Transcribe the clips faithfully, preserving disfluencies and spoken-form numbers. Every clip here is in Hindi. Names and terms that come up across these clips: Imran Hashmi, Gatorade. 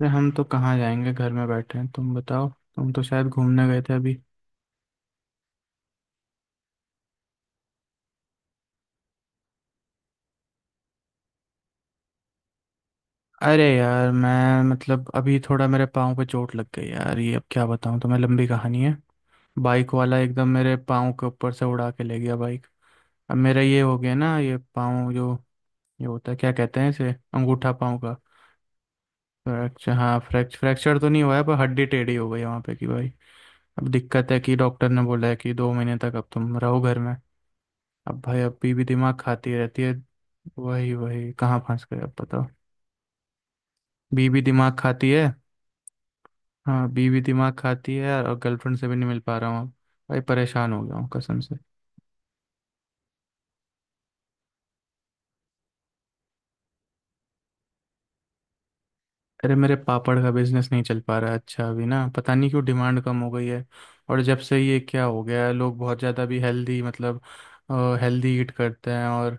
अरे हम तो कहाँ जाएंगे, घर में बैठे हैं। तुम बताओ, तुम तो शायद घूमने गए थे अभी। अरे यार, मैं मतलब अभी थोड़ा मेरे पाँव पे चोट लग गई यार। ये अब क्या बताऊँ तुम्हें, लंबी कहानी है। बाइक वाला एकदम मेरे पाँव के ऊपर से उड़ा के ले गया बाइक। अब मेरा ये हो गया ना, ये पाँव जो ये होता है, क्या कहते हैं इसे, अंगूठा पाँव का। फ्रैक्चर, हाँ, फ्रैक्चर फ्रैक्चर तो नहीं हुआ है, पर हड्डी टेढ़ी हो गई है वहाँ पे की भाई। अब दिक्कत है कि डॉक्टर ने बोला है कि दो महीने तक अब तुम रहो घर में। अब भाई अब बीवी दिमाग खाती रहती है। वही वही, कहाँ फंस गए अब बताओ। बीवी दिमाग खाती है। हाँ, बीवी दिमाग खाती है यार, और गर्लफ्रेंड से भी नहीं मिल पा रहा हूँ। भाई परेशान हो गया हूँ कसम से। अरे मेरे पापड़ का बिजनेस नहीं चल पा रहा है। अच्छा, अभी ना पता नहीं क्यों डिमांड कम हो गई है। और जब से ये क्या हो गया है, लोग बहुत ज़्यादा भी हेल्दी मतलब हेल्दी ईट करते हैं। और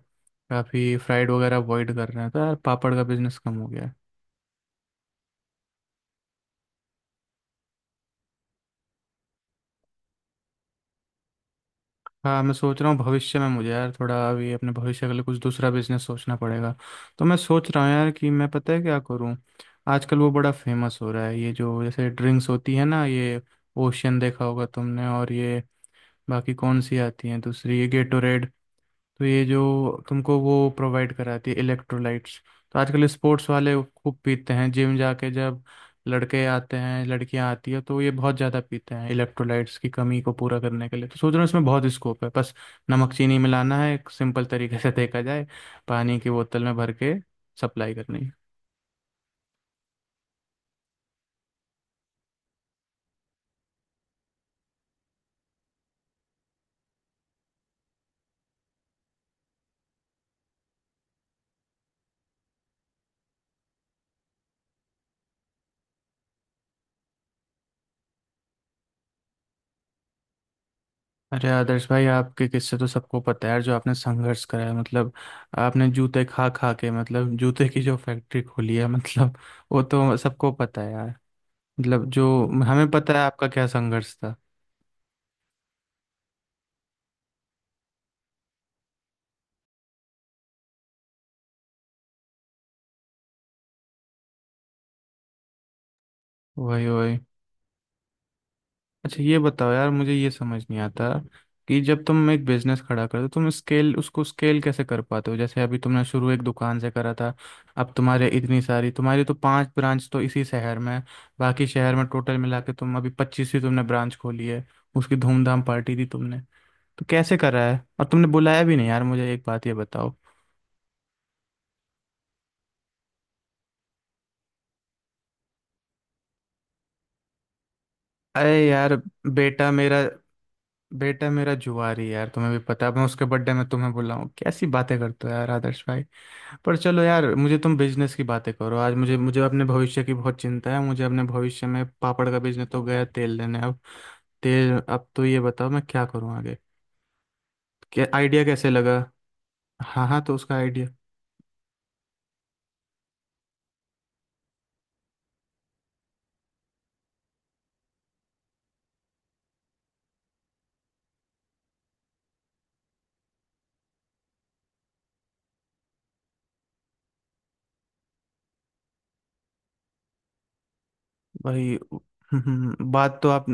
काफ़ी फ्राइड वगैरह अवॉइड कर रहे हैं, तो यार पापड़ का बिजनेस कम हो गया है। हाँ, मैं सोच रहा हूँ भविष्य में, मुझे यार थोड़ा अभी अपने भविष्य के लिए कुछ दूसरा बिजनेस सोचना पड़ेगा। तो मैं सोच रहा हूँ यार कि मैं, पता है क्या करूँ, आजकल वो बड़ा फेमस हो रहा है, ये जो जैसे ड्रिंक्स होती है ना, ये ओशियन देखा होगा तुमने, और ये बाकी कौन सी आती हैं दूसरी, ये गेटोरेड। तो ये जो तुमको वो प्रोवाइड कराती है, इलेक्ट्रोलाइट्स। तो आजकल स्पोर्ट्स वाले खूब पीते हैं, जिम जाके जब लड़के आते हैं, लड़कियां आती है, तो ये बहुत ज़्यादा पीते हैं इलेक्ट्रोलाइट्स की कमी को पूरा करने के लिए। तो सोच रहा हूँ इसमें बहुत स्कोप है। बस नमक चीनी मिलाना है एक सिंपल तरीके से देखा जाए, पानी की बोतल में भर के सप्लाई करनी है। अरे आदर्श भाई, आपके किस्से तो सबको पता है यार, जो आपने संघर्ष करा है मतलब। आपने जूते खा खा के मतलब, जूते की जो फैक्ट्री खोली है मतलब, वो तो सबको पता है यार। मतलब जो हमें पता है आपका क्या संघर्ष था। वही वही। अच्छा ये बताओ यार, मुझे ये समझ नहीं आता कि जब तुम एक बिजनेस खड़ा करते हो, तुम स्केल उसको स्केल कैसे कर पाते हो। जैसे अभी तुमने शुरू एक दुकान से करा था। अब तुम्हारे इतनी सारी तुम्हारी तो पांच ब्रांच तो इसी शहर में है, बाकी शहर में टोटल मिला के तुम अभी पच्चीसवीं तुमने ब्रांच खोली है। उसकी धूमधाम पार्टी दी तुमने, तो कैसे करा है। और तुमने बुलाया भी नहीं यार मुझे, एक बात ये बताओ। अरे यार, बेटा मेरा बेटा मेरा जुआरी है यार, तुम्हें भी पता है। मैं उसके बर्थडे में तुम्हें बुलाऊं, कैसी बातें करते हो यार आदर्श भाई। पर चलो यार, मुझे तुम बिजनेस की बातें करो आज। मुझे मुझे अपने भविष्य की बहुत चिंता है। मुझे अपने भविष्य में पापड़ का बिजनेस तो गया तेल लेने अब। तेल, अब तो ये बताओ मैं क्या करूं आगे। क्या आइडिया, कैसे लगा। हाँ हाँ, तो उसका आइडिया, भाई बात तो आप,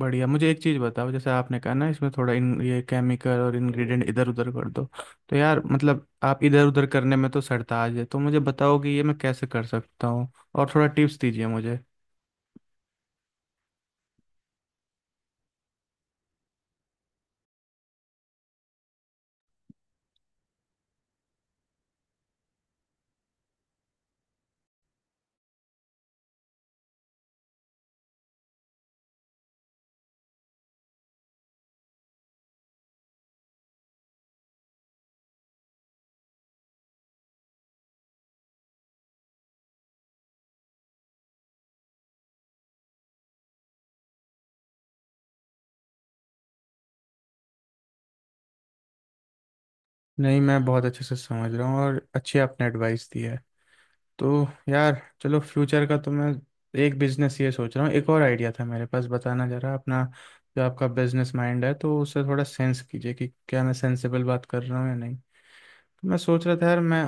बढ़िया। मुझे एक चीज़ बताओ, जैसे आपने कहा ना इसमें थोड़ा इन ये केमिकल और इंग्रेडिएंट इधर उधर कर दो। तो यार, मतलब आप इधर उधर करने में तो सरताज है, तो मुझे बताओ कि ये मैं कैसे कर सकता हूँ, और थोड़ा टिप्स दीजिए मुझे। नहीं, मैं बहुत अच्छे से समझ रहा हूँ और अच्छी आपने एडवाइस दी है। तो यार चलो, फ्यूचर का तो मैं एक बिजनेस ये सोच रहा हूँ। एक और आइडिया था मेरे पास, बताना जरा अपना, जो आपका बिजनेस माइंड है, तो उससे थोड़ा सेंस कीजिए कि क्या मैं सेंसेबल बात कर रहा हूँ या नहीं। मैं सोच रहा था यार, मैं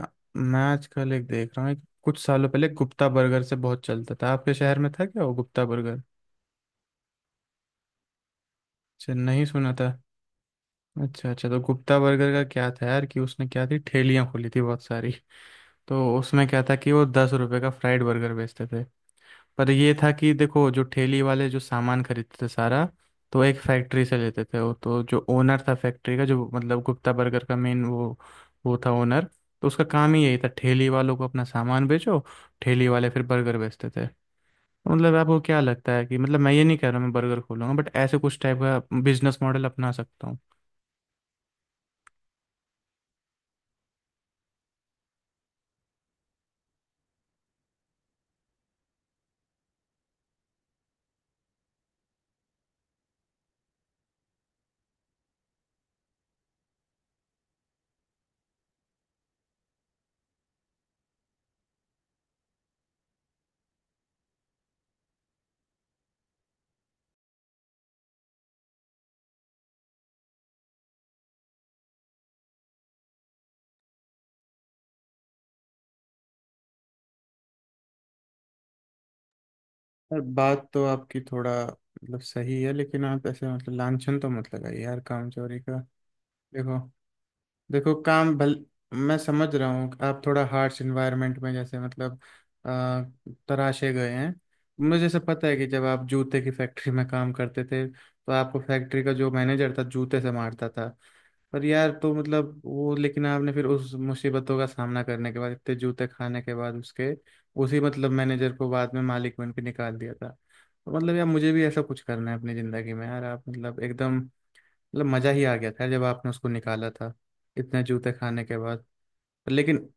मैं आजकल एक देख रहा हूँ, एक कुछ सालों पहले गुप्ता बर्गर से बहुत चलता था। आपके शहर में था क्या वो गुप्ता बर्गर? अच्छा, नहीं सुना था। अच्छा अच्छा, तो गुप्ता बर्गर का क्या था यार कि उसने क्या थी, ठेलियाँ खोली थी बहुत सारी तो उसमें क्या था कि वो दस रुपए का फ्राइड बर्गर बेचते थे। पर ये था कि देखो, जो ठेली वाले जो सामान खरीदते थे सारा, तो एक फैक्ट्री से लेते थे वो। तो जो ओनर था फैक्ट्री का, जो मतलब गुप्ता बर्गर का मेन वो वो था ओनर। तो उसका काम ही यही था, ठेली वालों को अपना सामान बेचो, ठेली वाले फिर बर्गर बेचते थे। तो मतलब आपको क्या लगता है कि, मतलब मैं ये नहीं कह रहा मैं बर्गर खोलूंगा, बट ऐसे कुछ टाइप का बिजनेस मॉडल अपना सकता हूँ। यार बात तो आपकी थोड़ा मतलब सही है, लेकिन आप ऐसे मतलब लांछन तो मत लगाइए यार काम चोरी का। देखो देखो काम भल मैं समझ रहा हूँ आप थोड़ा हार्श इन्वायरमेंट में जैसे मतलब आ, तराशे गए हैं। मुझे जैसे पता है कि जब आप जूते की फैक्ट्री में काम करते थे, तो आपको फैक्ट्री का जो मैनेजर था, जूते से मारता था। पर यार तो मतलब वो, लेकिन आपने फिर उस मुसीबतों का सामना करने के बाद, इतने जूते खाने के बाद, उसके उसी मतलब मैनेजर को बाद में मालिक बन के निकाल दिया था। तो मतलब यार मुझे भी ऐसा कुछ करना है अपनी ज़िंदगी में यार, आप मतलब एकदम मतलब मजा ही आ गया था जब आपने उसको निकाला था, इतने जूते खाने के बाद। लेकिन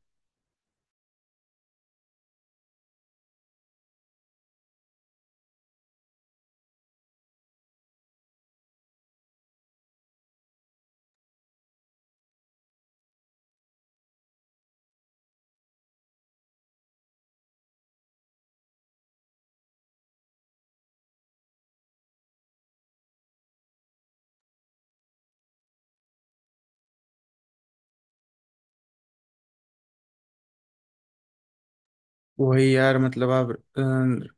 वही यार, मतलब आप अ,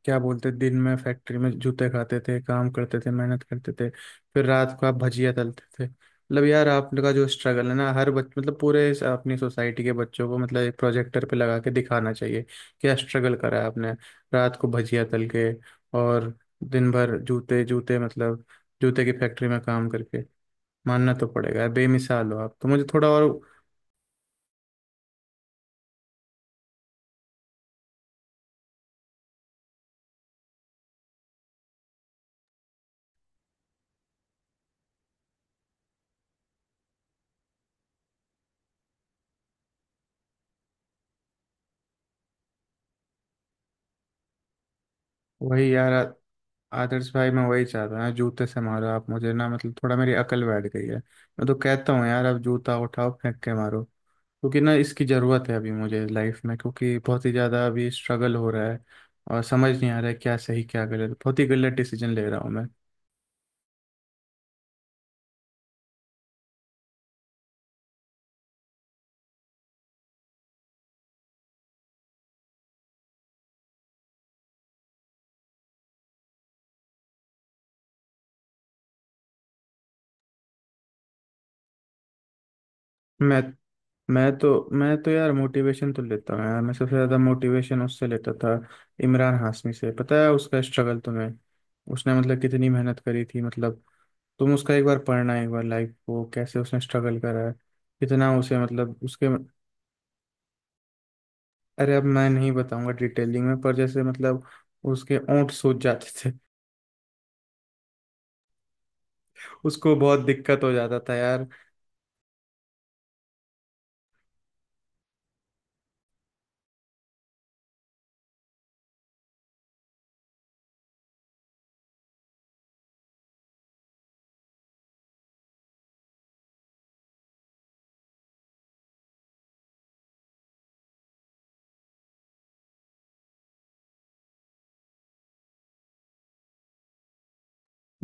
क्या बोलते, दिन में फैक्ट्री में जूते खाते थे, काम करते थे, मेहनत करते थे। फिर रात को आप भजिया तलते थे। मतलब यार आपका जो स्ट्रगल है ना, हर बच मतलब पूरे इस अपनी सोसाइटी के बच्चों को मतलब एक प्रोजेक्टर पे लगा के दिखाना चाहिए क्या स्ट्रगल करा है आपने। रात को भजिया तल के, और दिन भर जूते जूते मतलब जूते की फैक्ट्री में काम करके। मानना तो पड़ेगा यार, बेमिसाल हो आप। तो मुझे थोड़ा और, वही यार आ- आदर्श भाई, मैं वही चाहता हूँ यार, जूते से मारो आप मुझे ना, मतलब थोड़ा मेरी अकल बैठ गई है। मैं तो कहता हूँ यार, आप जूता उठाओ फेंक के मारो, क्योंकि ना इसकी ज़रूरत है अभी मुझे लाइफ में, क्योंकि बहुत ही ज़्यादा अभी स्ट्रगल हो रहा है, और समझ नहीं आ रहा है क्या सही क्या गलत। बहुत ही गलत डिसीजन ले रहा हूँ मैं। मैं मैं तो मैं तो यार मोटिवेशन तो लेता हूँ यार, मैं सबसे ज़्यादा मोटिवेशन उससे लेता था, इमरान हाशमी से। पता है उसका स्ट्रगल तुम्हें? उसने मतलब कितनी मेहनत करी थी मतलब। तुम उसका एक बार पढ़ना, एक बार लाइफ को कैसे उसने स्ट्रगल करा है, कितना उसे मतलब उसके। अरे अब मैं नहीं बताऊंगा डिटेलिंग में, पर जैसे मतलब उसके ओंठ सूज जाते थे, उसको बहुत दिक्कत हो जाता था यार।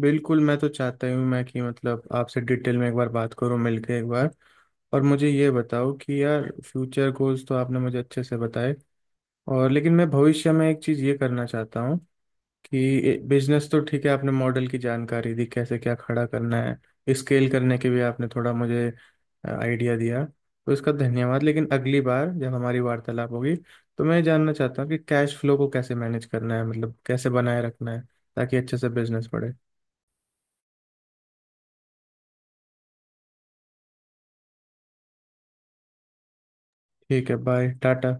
बिल्कुल, मैं तो चाहता ही हूँ मैं, कि मतलब आपसे डिटेल में एक बार बात करूँ मिलके एक बार। और मुझे ये बताओ कि यार, फ्यूचर गोल्स तो आपने मुझे अच्छे से बताए, और लेकिन मैं भविष्य में एक चीज़ ये करना चाहता हूँ कि, बिजनेस तो ठीक है आपने मॉडल की जानकारी दी, कैसे क्या खड़ा करना है, स्केल करने के भी आपने थोड़ा मुझे आइडिया दिया, तो इसका धन्यवाद। लेकिन अगली बार जब हमारी वार्तालाप होगी, तो मैं ये जानना चाहता हूँ कि कैश फ्लो को कैसे मैनेज करना है, मतलब कैसे बनाए रखना है, ताकि अच्छे से बिजनेस बढ़े। ठीक है, बाय टाटा।